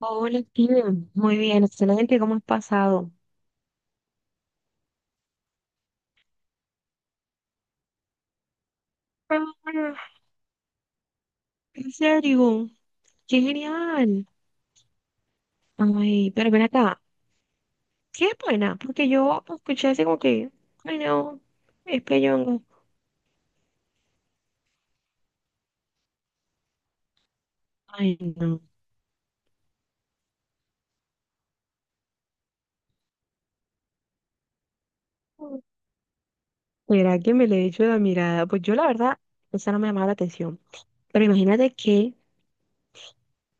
Hola, Steven. Muy bien, excelente. ¿Cómo has pasado? Ah, ¿en serio? ¡Qué genial! Ay, pero ven acá. ¿Qué es buena? Porque yo escuché así como que, ay, no, es peyongo. Ay, no. ¿Será que me le echo la mirada? Pues yo, la verdad, esa no me llamaba la atención. Pero imagínate que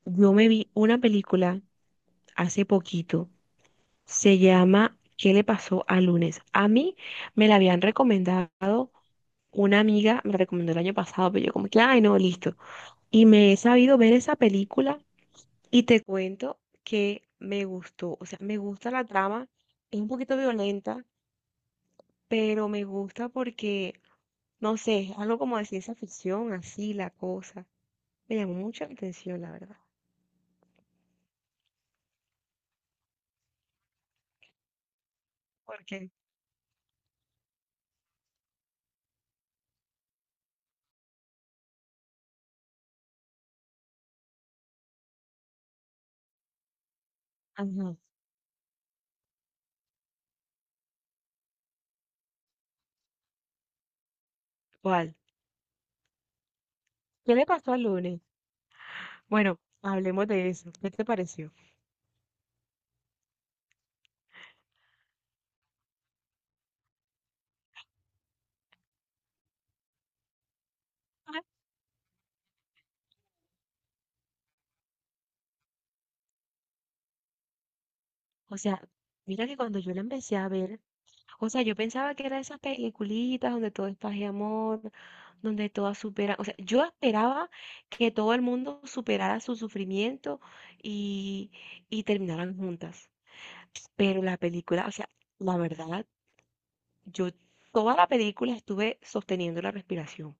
yo me vi una película hace poquito. Se llama ¿Qué le pasó a lunes? A mí me la habían recomendado. Una amiga me recomendó el año pasado, pero yo como que, ay, no, listo. Y me he sabido ver esa película y te cuento que me gustó. O sea, me gusta la trama, es un poquito violenta, pero me gusta porque, no sé, es algo como de ciencia ficción, así la cosa. Me llamó mucho la atención, la verdad. Porque, ajá, ¿cuál? ¿Qué le pasó al lunes? Bueno, hablemos de eso. ¿Qué te pareció? O sea, mira que cuando yo la empecé a ver, o sea, yo pensaba que era esas peliculitas donde todo es paz y amor, donde todas superan. O sea, yo esperaba que todo el mundo superara su sufrimiento y, y terminaran juntas. Pero la película, o sea, la verdad, yo toda la película estuve sosteniendo la respiración.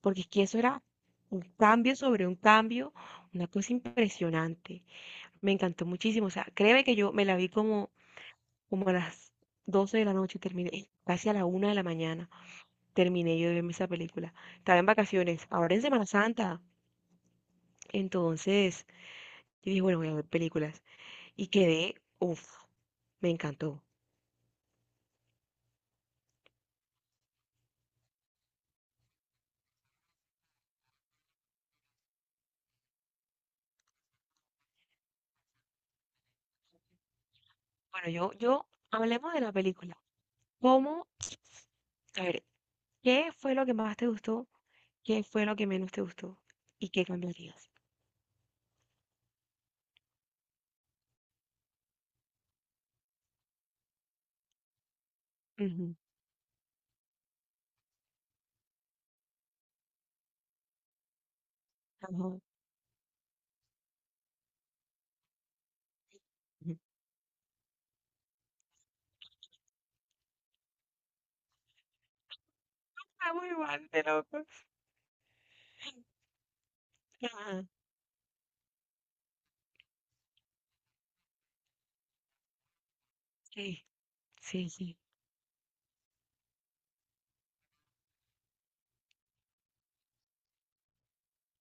Porque es que eso era un cambio sobre un cambio, una cosa impresionante. Me encantó muchísimo. O sea, créeme que yo me la vi como a las 12 de la noche y terminé casi a la 1 de la mañana. Terminé yo de verme esa película. Estaba en vacaciones, ahora en Semana Santa. Entonces, yo dije, bueno, voy a ver películas. Y quedé, uff, me encantó. Bueno, yo, hablemos de la película. ¿Cómo? A ver, ¿qué fue lo que más te gustó? ¿Qué fue lo que menos te gustó? ¿Y qué cambiarías? Ujú, ajá, ujú. Ah, muy mal, de locos. Ajá, sí, sí, sí.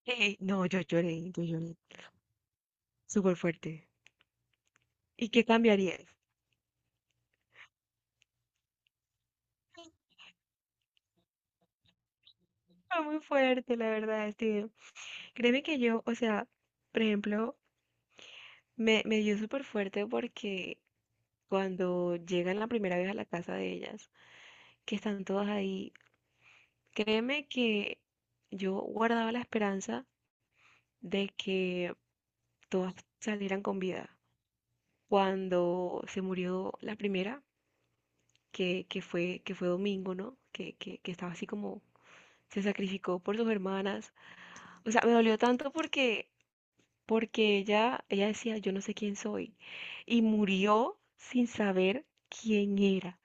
No, yo lloré, yo lloré. Súper fuerte. ¿Y qué cambiarías? Fue muy fuerte, la verdad, este, créeme que yo, o sea, por ejemplo, me dio súper fuerte porque cuando llegan la primera vez a la casa de ellas, que están todas ahí, créeme que yo guardaba la esperanza de que todas salieran con vida. Cuando se murió la primera, que fue Domingo, ¿no? Que estaba así como, se sacrificó por sus hermanas. O sea, me dolió tanto porque ella decía, yo no sé quién soy, y murió sin saber quién era.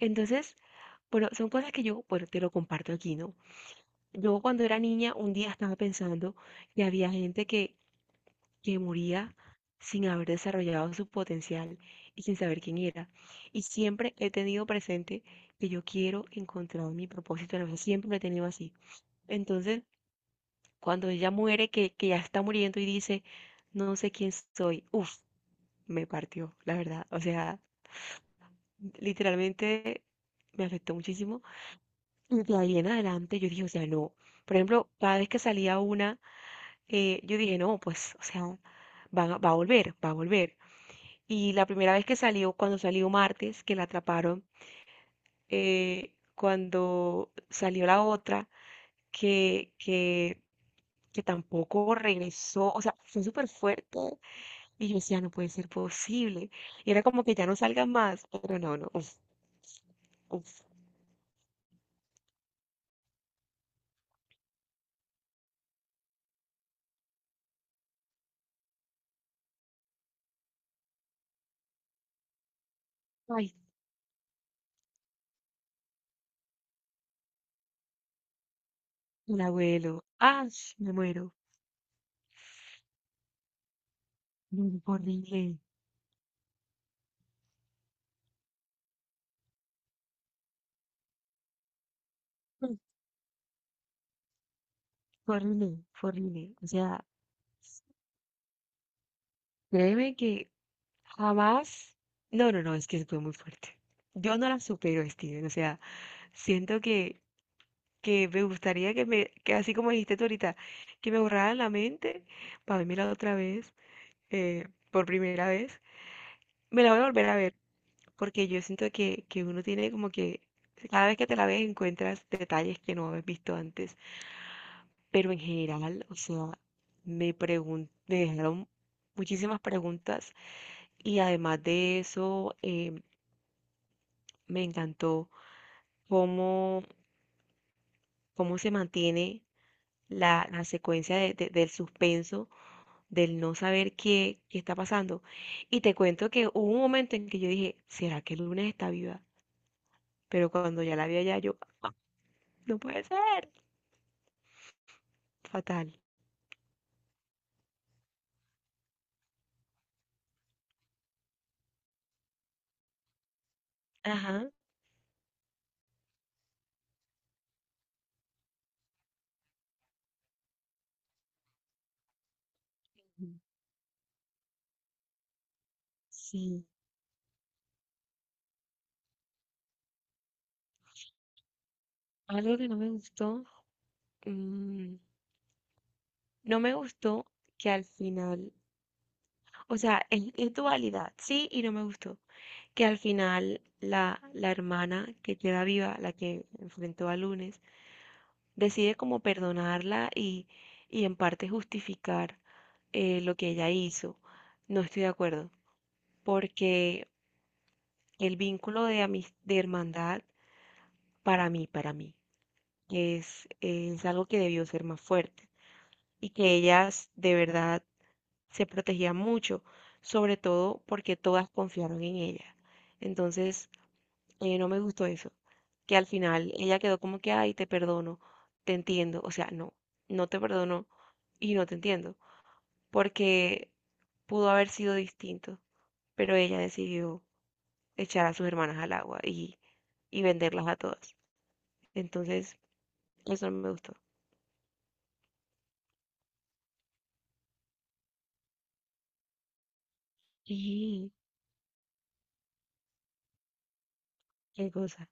Entonces, bueno, son cosas que yo, bueno, te lo comparto aquí, ¿no? Yo cuando era niña, un día estaba pensando que había gente que moría sin haber desarrollado su potencial y sin saber quién era. Y siempre he tenido presente que yo quiero encontrar mi propósito en la vida, siempre lo he tenido así. Entonces, cuando ella muere, que ya está muriendo y dice, no sé quién soy, uff, me partió, la verdad. O sea, literalmente me afectó muchísimo. Y de ahí en adelante yo dije, o sea, no. Por ejemplo, cada vez que salía una, yo dije, no, pues, o sea, va a volver, va a volver. Y la primera vez que salió, cuando salió martes, que la atraparon, cuando salió la otra, que, que, que tampoco regresó, o sea, fue súper fuerte. Y yo decía, no puede ser posible. Y era como que ya no salgan más, pero no, no. Uf, uf. Ay, un abuelo. ¡Ah! Me muero. Fue horrible. Mm, Fue horrible, fue horrible. O sea, créeme que jamás. No, no, no, es que fue muy fuerte. Yo no la supero, Steven. O sea, siento que me gustaría que así como dijiste tú ahorita, que me borraran la mente para la otra vez, por primera vez. Me la voy a volver a ver, porque yo siento que uno tiene como que cada vez que te la ves encuentras detalles que no habías visto antes. Pero en general, o sea, me dejaron muchísimas preguntas y además de eso, me encantó cómo, cómo se mantiene la secuencia del suspenso, del no saber qué está pasando. Y te cuento que hubo un momento en que yo dije, ¿será que Lunes está viva? Pero cuando ya la vi allá, no puede ser. Fatal. Ajá. Ujú. Sí. Algo que no me gustó. mm, No me gustó que al final, o sea, es dualidad, sí y no me gustó, que al final la hermana que queda viva, la que enfrentó a Lunes, decide como perdonarla y en parte justificar lo que ella hizo. No estoy de acuerdo, porque el vínculo de hermandad, para mí, es algo que debió ser más fuerte y que ellas de verdad se protegía mucho, sobre todo porque todas confiaron en ella. Entonces, no me gustó eso, que al final ella quedó como que, ay, te perdono, te entiendo, o sea, no, no te perdono y no te entiendo, porque pudo haber sido distinto, pero ella decidió echar a sus hermanas al agua y venderlas a todas. Entonces, eso no me gustó. Y qué cosa.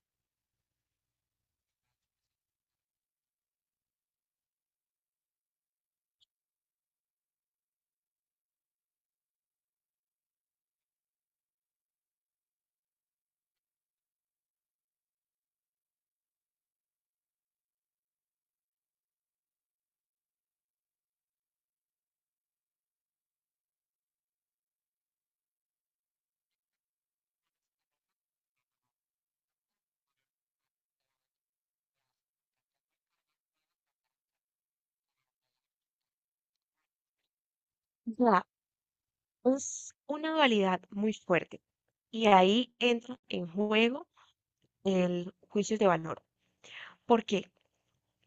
O sea, es una dualidad muy fuerte. Y ahí entra en juego el juicio de valor. ¿Por qué?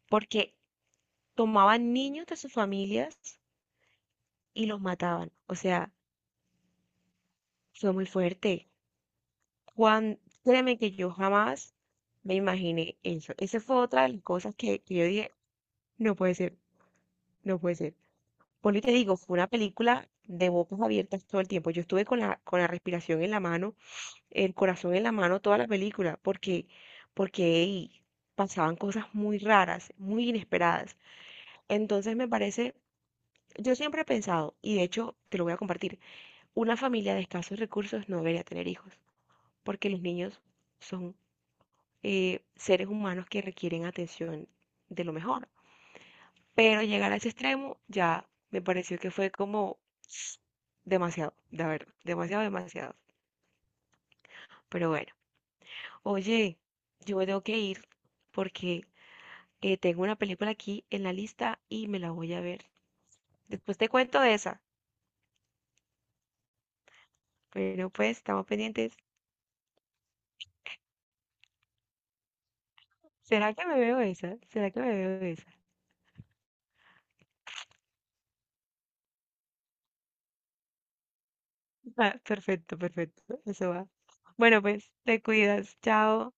Porque tomaban niños de sus familias y los mataban. O sea, fue muy fuerte. Juan, créeme que yo jamás me imaginé eso. Esa fue otra de las cosas que yo dije, no puede ser, no puede ser. Por lo que te digo, fue una película de bocas abiertas todo el tiempo. Yo estuve con la respiración en la mano, el corazón en la mano toda la película, porque ey, pasaban cosas muy raras, muy inesperadas. Entonces me parece, yo siempre he pensado, y de hecho te lo voy a compartir, una familia de escasos recursos no debería tener hijos, porque los niños son seres humanos que requieren atención de lo mejor. Pero llegar a ese extremo ya me pareció que fue como demasiado, de verdad, demasiado, demasiado. Pero bueno, oye, yo me tengo que ir porque tengo una película aquí en la lista y me la voy a ver. Después te cuento de esa. Bueno, pues estamos pendientes. ¿Será que me veo esa? ¿Será que me veo esa? Ah, perfecto, perfecto. Eso va. Bueno, pues te cuidas. Chao.